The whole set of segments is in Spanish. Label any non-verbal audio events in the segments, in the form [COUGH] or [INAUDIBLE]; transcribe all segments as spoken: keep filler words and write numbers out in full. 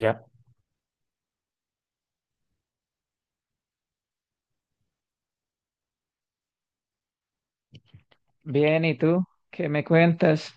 Ya. Bien, ¿y tú? ¿Qué me cuentas?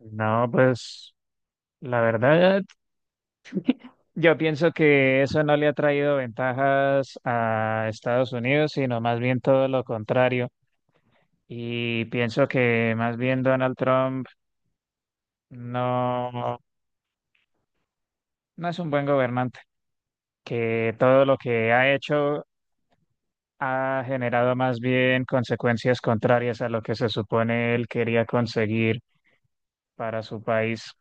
No, pues la verdad, yo pienso que eso no le ha traído ventajas a Estados Unidos, sino más bien todo lo contrario. Y pienso que más bien Donald Trump no, no es un buen gobernante, que todo lo que ha hecho ha generado más bien consecuencias contrarias a lo que se supone él quería conseguir para su país.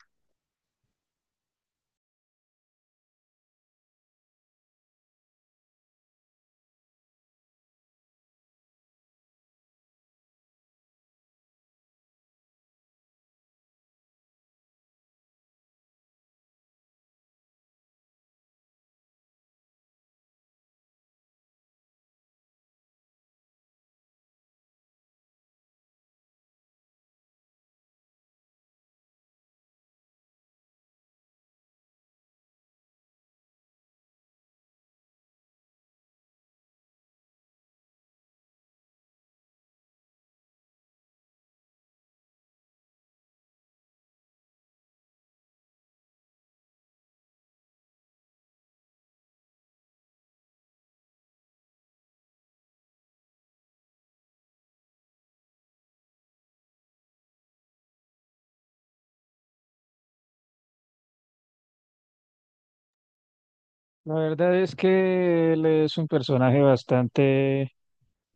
La verdad es que él es un personaje bastante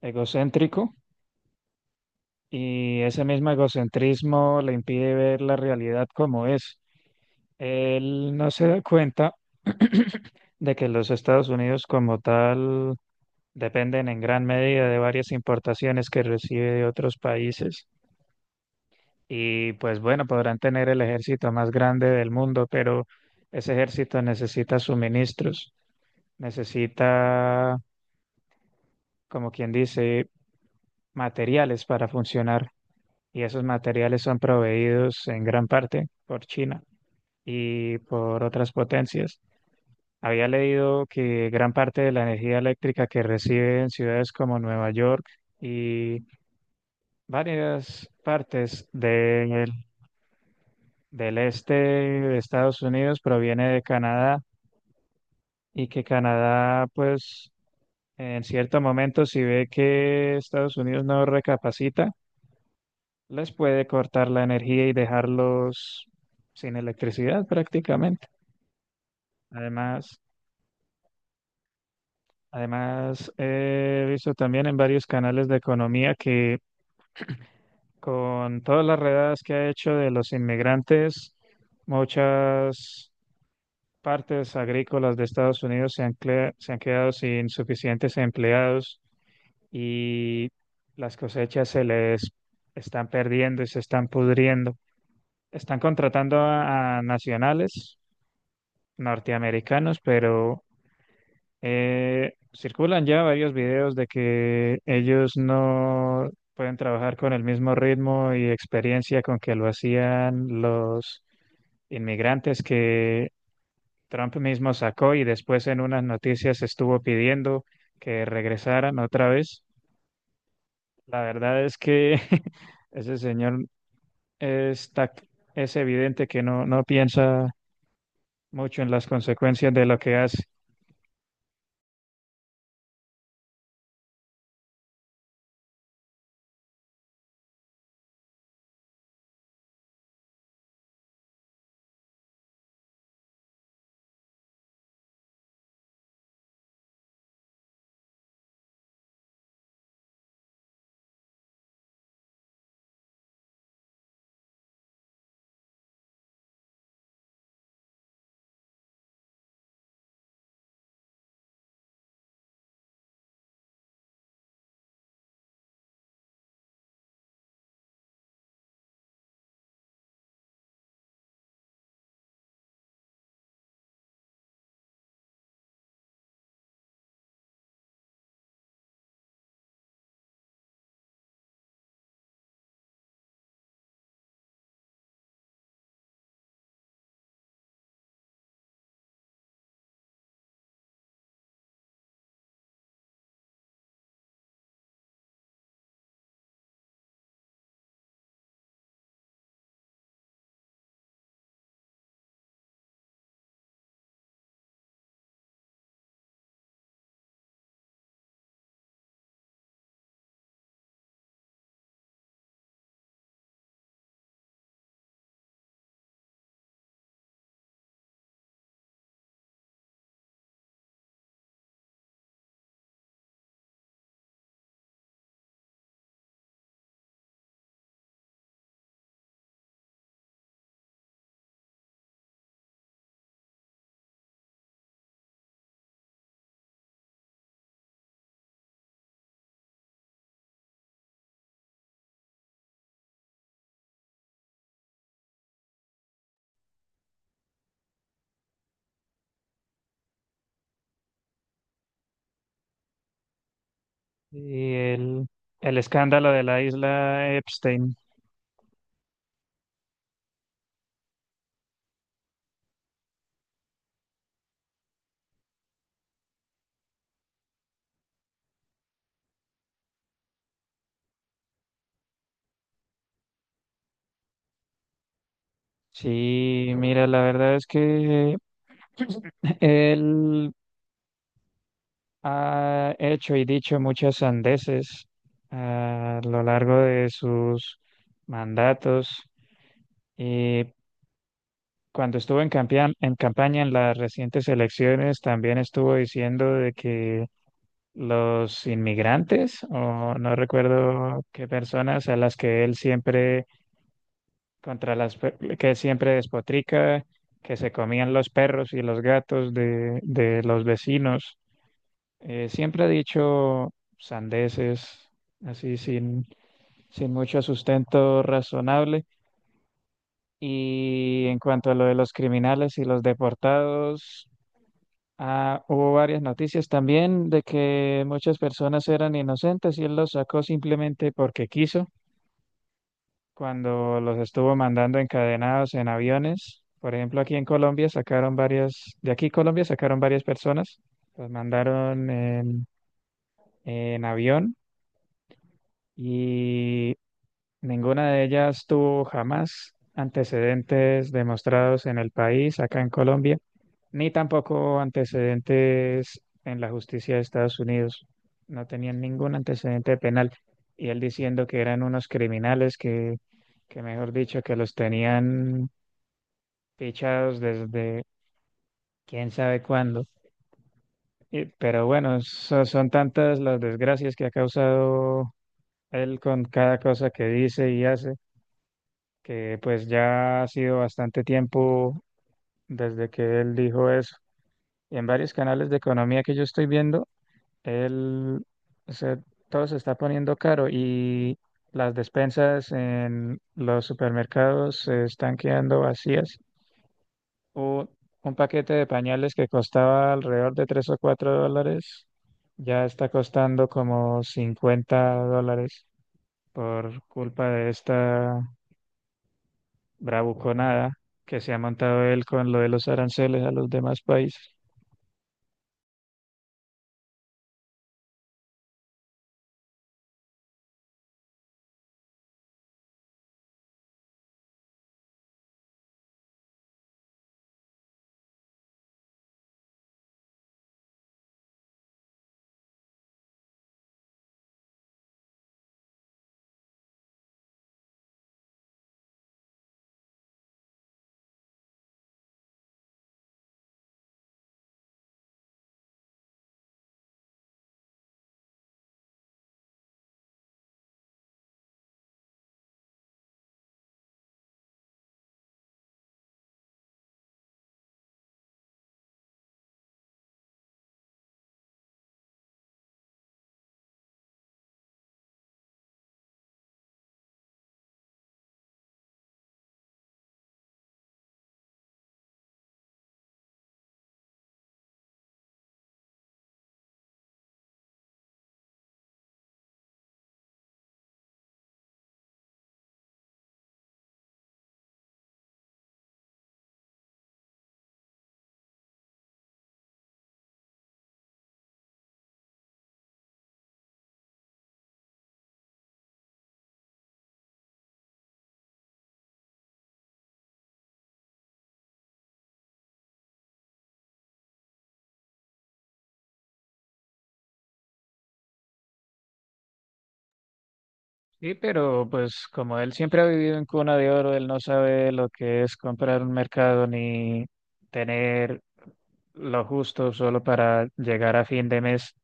egocéntrico y ese mismo egocentrismo le impide ver la realidad como es. Él no se da cuenta [CLEARS THROAT] de que los Estados Unidos como tal dependen en gran medida de varias importaciones que recibe de otros países. Y pues bueno, podrán tener el ejército más grande del mundo, pero ese ejército necesita suministros, necesita, como quien dice, materiales para funcionar. Y esos materiales son proveídos en gran parte por China y por otras potencias. Había leído que gran parte de la energía eléctrica que recibe en ciudades como Nueva York y varias partes del del este de Estados Unidos proviene de Canadá, y que Canadá, pues, en cierto momento, si ve que Estados Unidos no recapacita, les puede cortar la energía y dejarlos sin electricidad prácticamente. Además, además he visto también en varios canales de economía que con todas las redadas que ha hecho de los inmigrantes, muchas partes agrícolas de Estados Unidos se han, cle- se han quedado sin suficientes empleados y las cosechas se les están perdiendo y se están pudriendo. Están contratando a, a nacionales norteamericanos, pero eh, circulan ya varios videos de que ellos no pueden trabajar con el mismo ritmo y experiencia con que lo hacían los inmigrantes que Trump mismo sacó y después en unas noticias estuvo pidiendo que regresaran otra vez. La verdad es que [LAUGHS] ese señor está, es evidente que no, no piensa mucho en las consecuencias de lo que hace. Y el, el escándalo de la isla Epstein. Sí, mira, la verdad es que él ha hecho y dicho muchas sandeces ah, a lo largo de sus mandatos y cuando estuvo en campea- en campaña en las recientes elecciones también estuvo diciendo de que los inmigrantes o no recuerdo qué personas a las que él siempre contra las pe- que él siempre despotrica, que se comían los perros y los gatos de, de los vecinos. Eh, siempre ha dicho sandeces, así sin, sin mucho sustento razonable. Y en cuanto a lo de los criminales y los deportados, ah, hubo varias noticias también de que muchas personas eran inocentes y él los sacó simplemente porque quiso, cuando los estuvo mandando encadenados en aviones. Por ejemplo, aquí en Colombia sacaron varias, de aquí Colombia sacaron varias personas, los mandaron en en avión. Y ninguna de ellas tuvo jamás antecedentes demostrados en el país, acá en Colombia, ni tampoco antecedentes en la justicia de Estados Unidos. No tenían ningún antecedente penal. Y él diciendo que eran unos criminales que, que mejor dicho, que los tenían fichados desde quién sabe cuándo. Y- pero bueno, so- son tantas las desgracias que ha causado él con cada cosa que dice y hace, que pues ya ha sido bastante tiempo desde que él dijo eso. Y en varios canales de economía que yo estoy viendo, él, o sea, todo se está poniendo caro y las despensas en los supermercados se están quedando vacías. O un paquete de pañales que costaba alrededor de tres o cuatro dólares, ya está costando como cincuenta dólares, por culpa de esta bravuconada que se ha montado él con lo de los aranceles a los demás países. Sí, pero pues como él siempre ha vivido en cuna de oro, él no sabe lo que es comprar un mercado ni tener lo justo solo para llegar a fin de mes.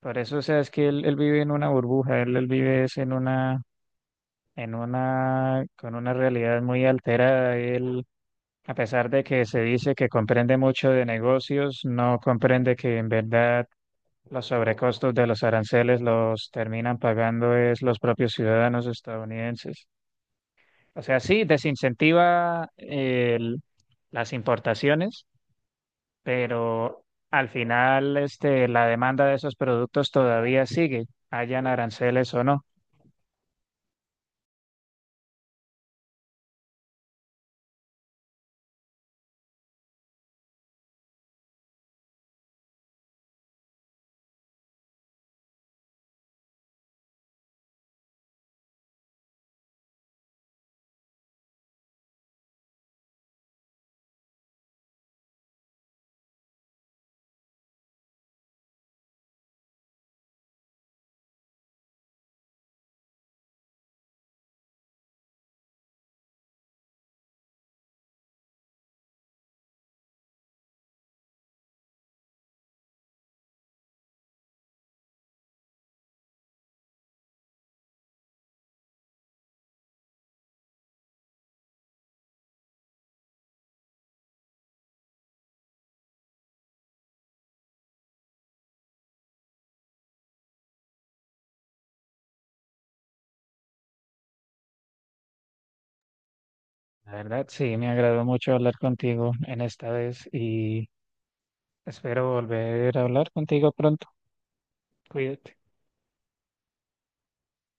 Por eso, o sea, es que él, él vive en una burbuja, él, él vive es en una, en una, con una realidad muy alterada. Él, a pesar de que se dice que comprende mucho de negocios, no comprende que en verdad los sobrecostos de los aranceles los terminan pagando es los propios ciudadanos estadounidenses. O sea, sí, desincentiva el- las importaciones, pero al final este, la demanda de esos productos todavía sigue, hayan aranceles o no. La verdad, sí, me agradó mucho hablar contigo en esta vez y espero volver a hablar contigo pronto. Cuídate.